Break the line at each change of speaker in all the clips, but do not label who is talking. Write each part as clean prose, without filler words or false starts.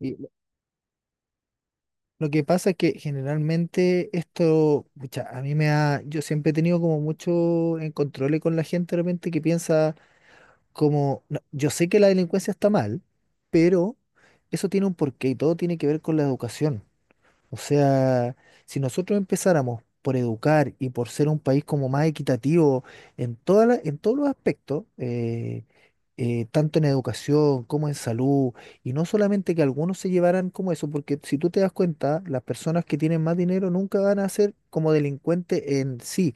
Y lo lo que pasa es que generalmente esto, pucha, a mí me ha, yo siempre he tenido como mucho en control con la gente de repente que piensa como, "No, yo sé que la delincuencia está mal, pero eso tiene un porqué y todo tiene que ver con la educación. O sea, si nosotros empezáramos por educar y por ser un país como más equitativo en en todos los aspectos, tanto en educación como en salud, y no solamente que algunos se llevaran como eso, porque si tú te das cuenta, las personas que tienen más dinero nunca van a ser como delincuentes en sí,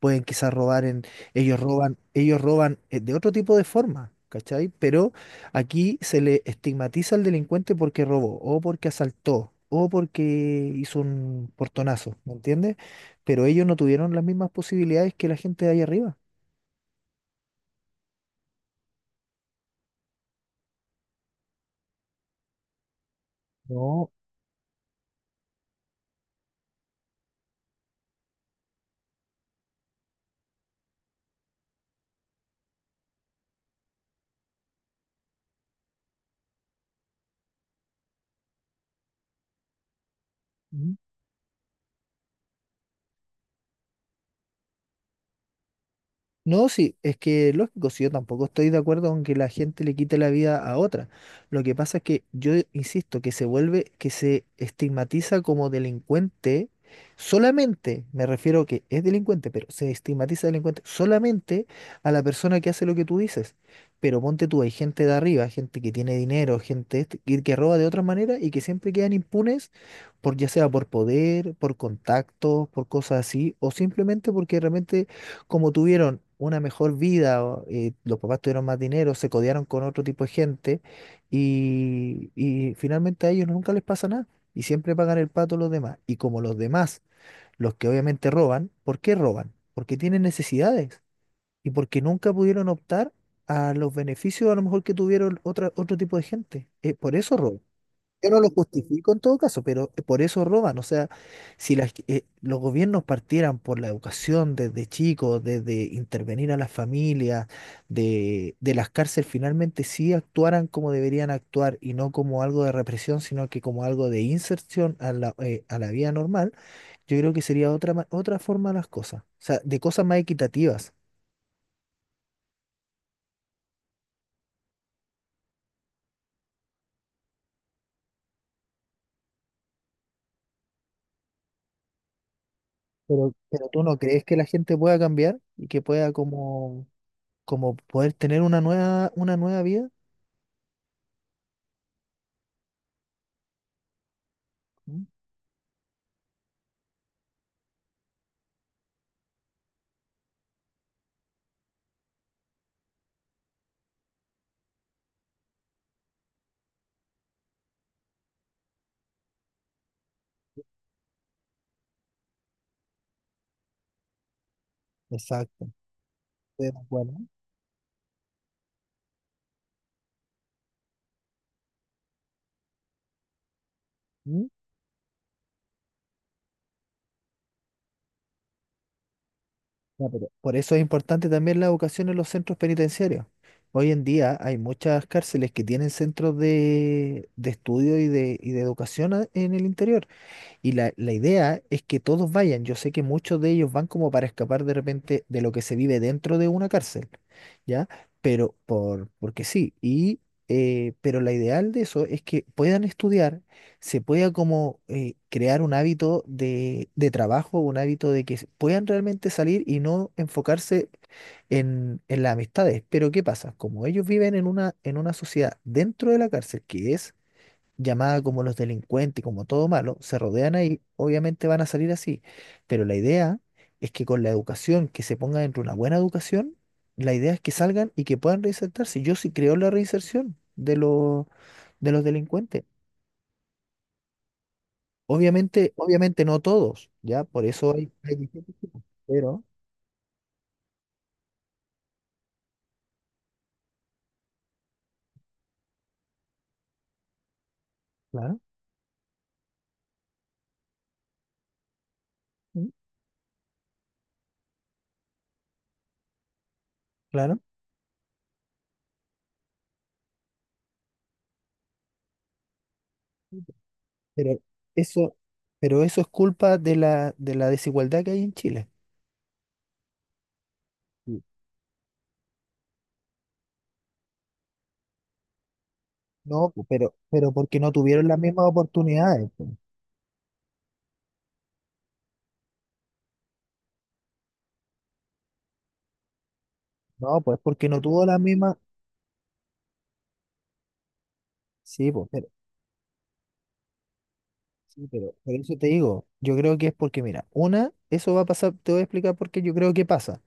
pueden quizás ellos roban de otro tipo de forma, ¿cachai? Pero aquí se le estigmatiza al delincuente porque robó, o porque asaltó, o porque hizo un portonazo, ¿me entiendes? Pero ellos no tuvieron las mismas posibilidades que la gente de ahí arriba. No. No, sí, es que lógico, si yo tampoco estoy de acuerdo con que la gente le quite la vida a otra. Lo que pasa es que yo insisto que se estigmatiza como delincuente solamente, me refiero que es delincuente, pero se estigmatiza delincuente solamente a la persona que hace lo que tú dices. Pero ponte tú, hay gente de arriba, gente que tiene dinero, que roba de otra manera y que siempre quedan impunes por ya sea por poder, por contactos, por cosas así, o simplemente porque realmente como tuvieron una mejor vida, los papás tuvieron más dinero, se codearon con otro tipo de gente y finalmente a ellos nunca les pasa nada y siempre pagan el pato los demás. Y como los demás, los que obviamente roban, ¿por qué roban? Porque tienen necesidades y porque nunca pudieron optar a los beneficios a lo mejor que tuvieron otro tipo de gente. Por eso roban. Yo no lo justifico en todo caso, pero por eso roban. O sea, si las- los gobiernos partieran por la educación desde chicos, desde intervenir a las familias, de las cárceles, finalmente sí actuaran como deberían actuar y no como algo de represión, sino que como algo de inserción a a la vida normal, yo creo que sería otra forma de las cosas. O sea, de cosas más equitativas. Pero tú no crees que la gente pueda cambiar y que pueda como, como poder tener una nueva vida? Exacto. Estoy de acuerdo. ¿Mm? Ya, pero por eso es importante también la educación en los centros penitenciarios. Hoy en día hay muchas cárceles que tienen centros de estudio y de educación en el interior. Y la idea es que todos vayan. Yo sé que muchos de ellos van como para escapar de repente de lo que se vive dentro de una cárcel, ¿ya? Pero porque sí. Pero la ideal de eso es que puedan estudiar, se pueda como crear un hábito de trabajo, un hábito de que puedan realmente salir y no enfocarse en las amistades. Pero ¿qué pasa? Como ellos viven en una sociedad dentro de la cárcel, que es llamada como los delincuentes, como todo malo, se rodean ahí, obviamente van a salir así. Pero la idea es que con la educación, que se ponga dentro una buena educación, la idea es que salgan y que puedan reinsertarse. Yo sí creo en la reinserción de los delincuentes. Obviamente, obviamente no todos, ¿ya? Por eso hay, hay distintos tipos. Pero, claro, mm, claro, pero eso, pero eso es culpa de la desigualdad que hay en Chile. Sí. No, pu- pero porque no tuvieron las mismas oportunidades. No, pues porque no tuvo la misma. Sí, pues. Sí, pero por eso te digo, yo creo que es porque, mira, una, eso va a pasar, te voy a explicar por qué yo creo que pasa.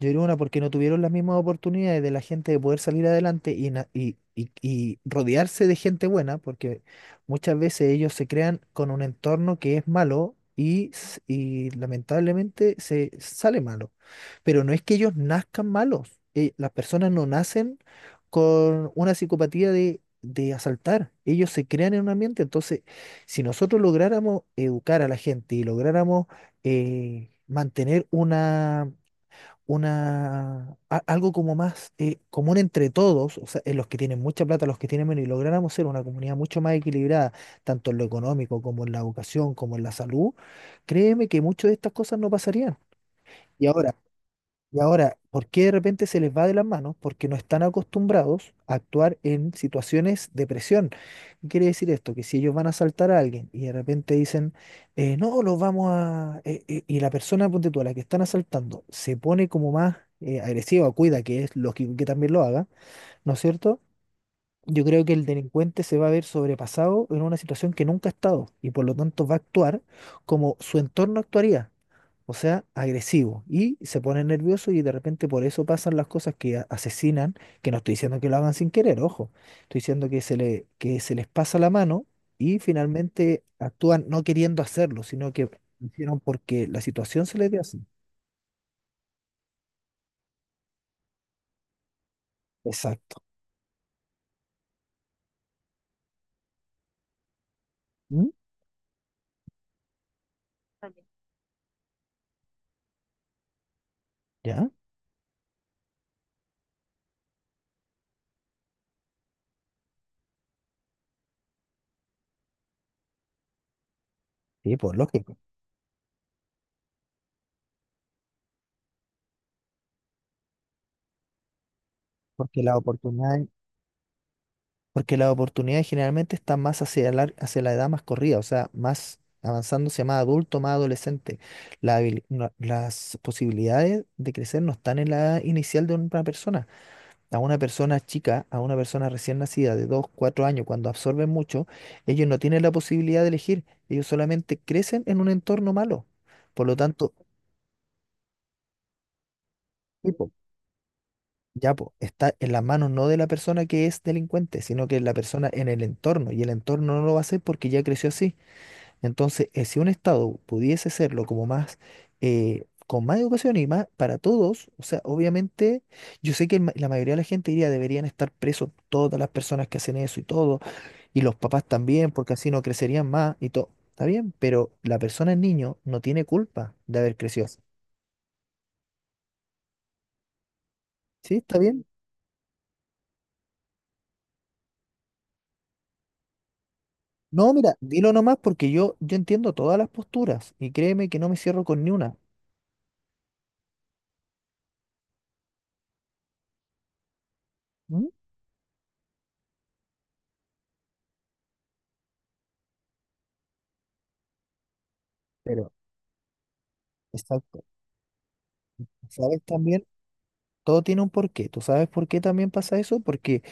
Yo creo una, porque no tuvieron las mismas oportunidades de la gente de poder salir adelante y rodearse de gente buena, porque muchas veces ellos se crean con un entorno que es malo y lamentablemente se sale malo. Pero no es que ellos nazcan malos, las personas no nacen con una psicopatía de asaltar, ellos se crean en un ambiente, entonces si nosotros lográramos educar a la gente y lográramos mantener algo como más común entre todos, o sea, en los que tienen mucha plata, los que tienen menos, y lográramos ser una comunidad mucho más equilibrada, tanto en lo económico como en la educación, como en la salud, créeme que muchas de estas cosas no pasarían. Y ahora, y ahora, ¿por qué de repente se les va de las manos? Porque no están acostumbrados a actuar en situaciones de presión. ¿Qué quiere decir esto? Que si ellos van a asaltar a alguien y de repente dicen, no, los vamos a... y la persona, ponte tú, a la que están asaltando, se pone como más agresiva, cuida, que es lógico que también lo haga, ¿no es cierto? Yo creo que el delincuente se va a ver sobrepasado en una situación que nunca ha estado y por lo tanto va a actuar como su entorno actuaría, o sea, agresivo, y se pone nervioso y de repente por eso pasan las cosas que asesinan, que no estoy diciendo que lo hagan sin querer, ojo, estoy diciendo que que se les pasa la mano y finalmente actúan no queriendo hacerlo, sino que lo hicieron porque la situación se les dio así. Exacto. ¿Mm? ¿Ya? Sí, pues lógico, porque la oportunidad Porque las oportunidades generalmente están más hacia hacia la edad más corrida, o sea, más avanzándose más adulto, más adolescente. La habili- no- las posibilidades de crecer no están en la edad inicial de una persona. A una persona chica, a una persona recién nacida de 2 4 años, cuando absorben mucho, ellos no tienen la posibilidad de elegir, ellos solamente crecen en un entorno malo. Por lo tanto, sí, po, ya po, está en las manos no de la persona que es delincuente, sino que la persona en el entorno, y el entorno no lo va a hacer porque ya creció así. Entonces, si un Estado pudiese serlo como más, con más educación y más para todos, o sea, obviamente, yo sé que la mayoría de la gente diría deberían estar presos todas las personas que hacen eso y todo, y los papás también, porque así no crecerían más y todo. Está bien, pero la persona, el niño, no tiene culpa de haber crecido así. ¿Sí? ¿Está bien? No, mira, dilo nomás porque yo entiendo todas las posturas y créeme que no me cierro con ni una. ¿Mm? Pero, exacto. ¿Sabes también? Todo tiene un porqué. ¿Tú sabes por qué también pasa eso? Porque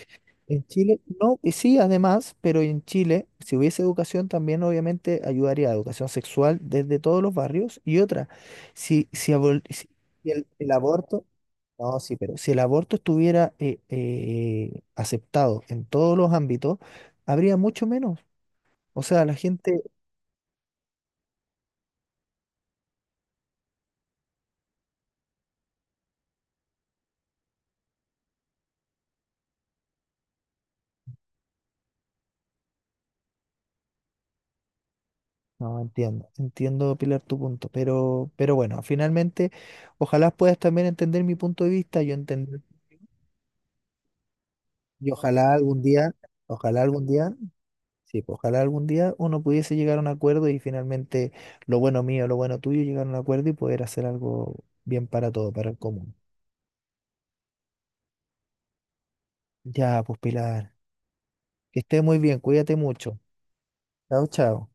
en Chile, no, y sí, además, pero en Chile, si hubiese educación, también obviamente ayudaría a educación sexual desde todos los barrios. Y otra, si, si, abol- si- si el aborto, no, sí, pero si el aborto estuviera aceptado en todos los ámbitos, habría mucho menos. O sea, la gente, no, entiendo, entiendo, Pilar, tu punto, pero bueno, finalmente, ojalá puedas también entender mi punto de vista, yo entender. Y ojalá algún día, sí, pues, ojalá algún día uno pudiese llegar a un acuerdo y finalmente lo bueno mío, lo bueno tuyo, llegar a un acuerdo y poder hacer algo bien para todo, para el común. Ya, pues Pilar, que esté muy bien, cuídate mucho. Chao, chao.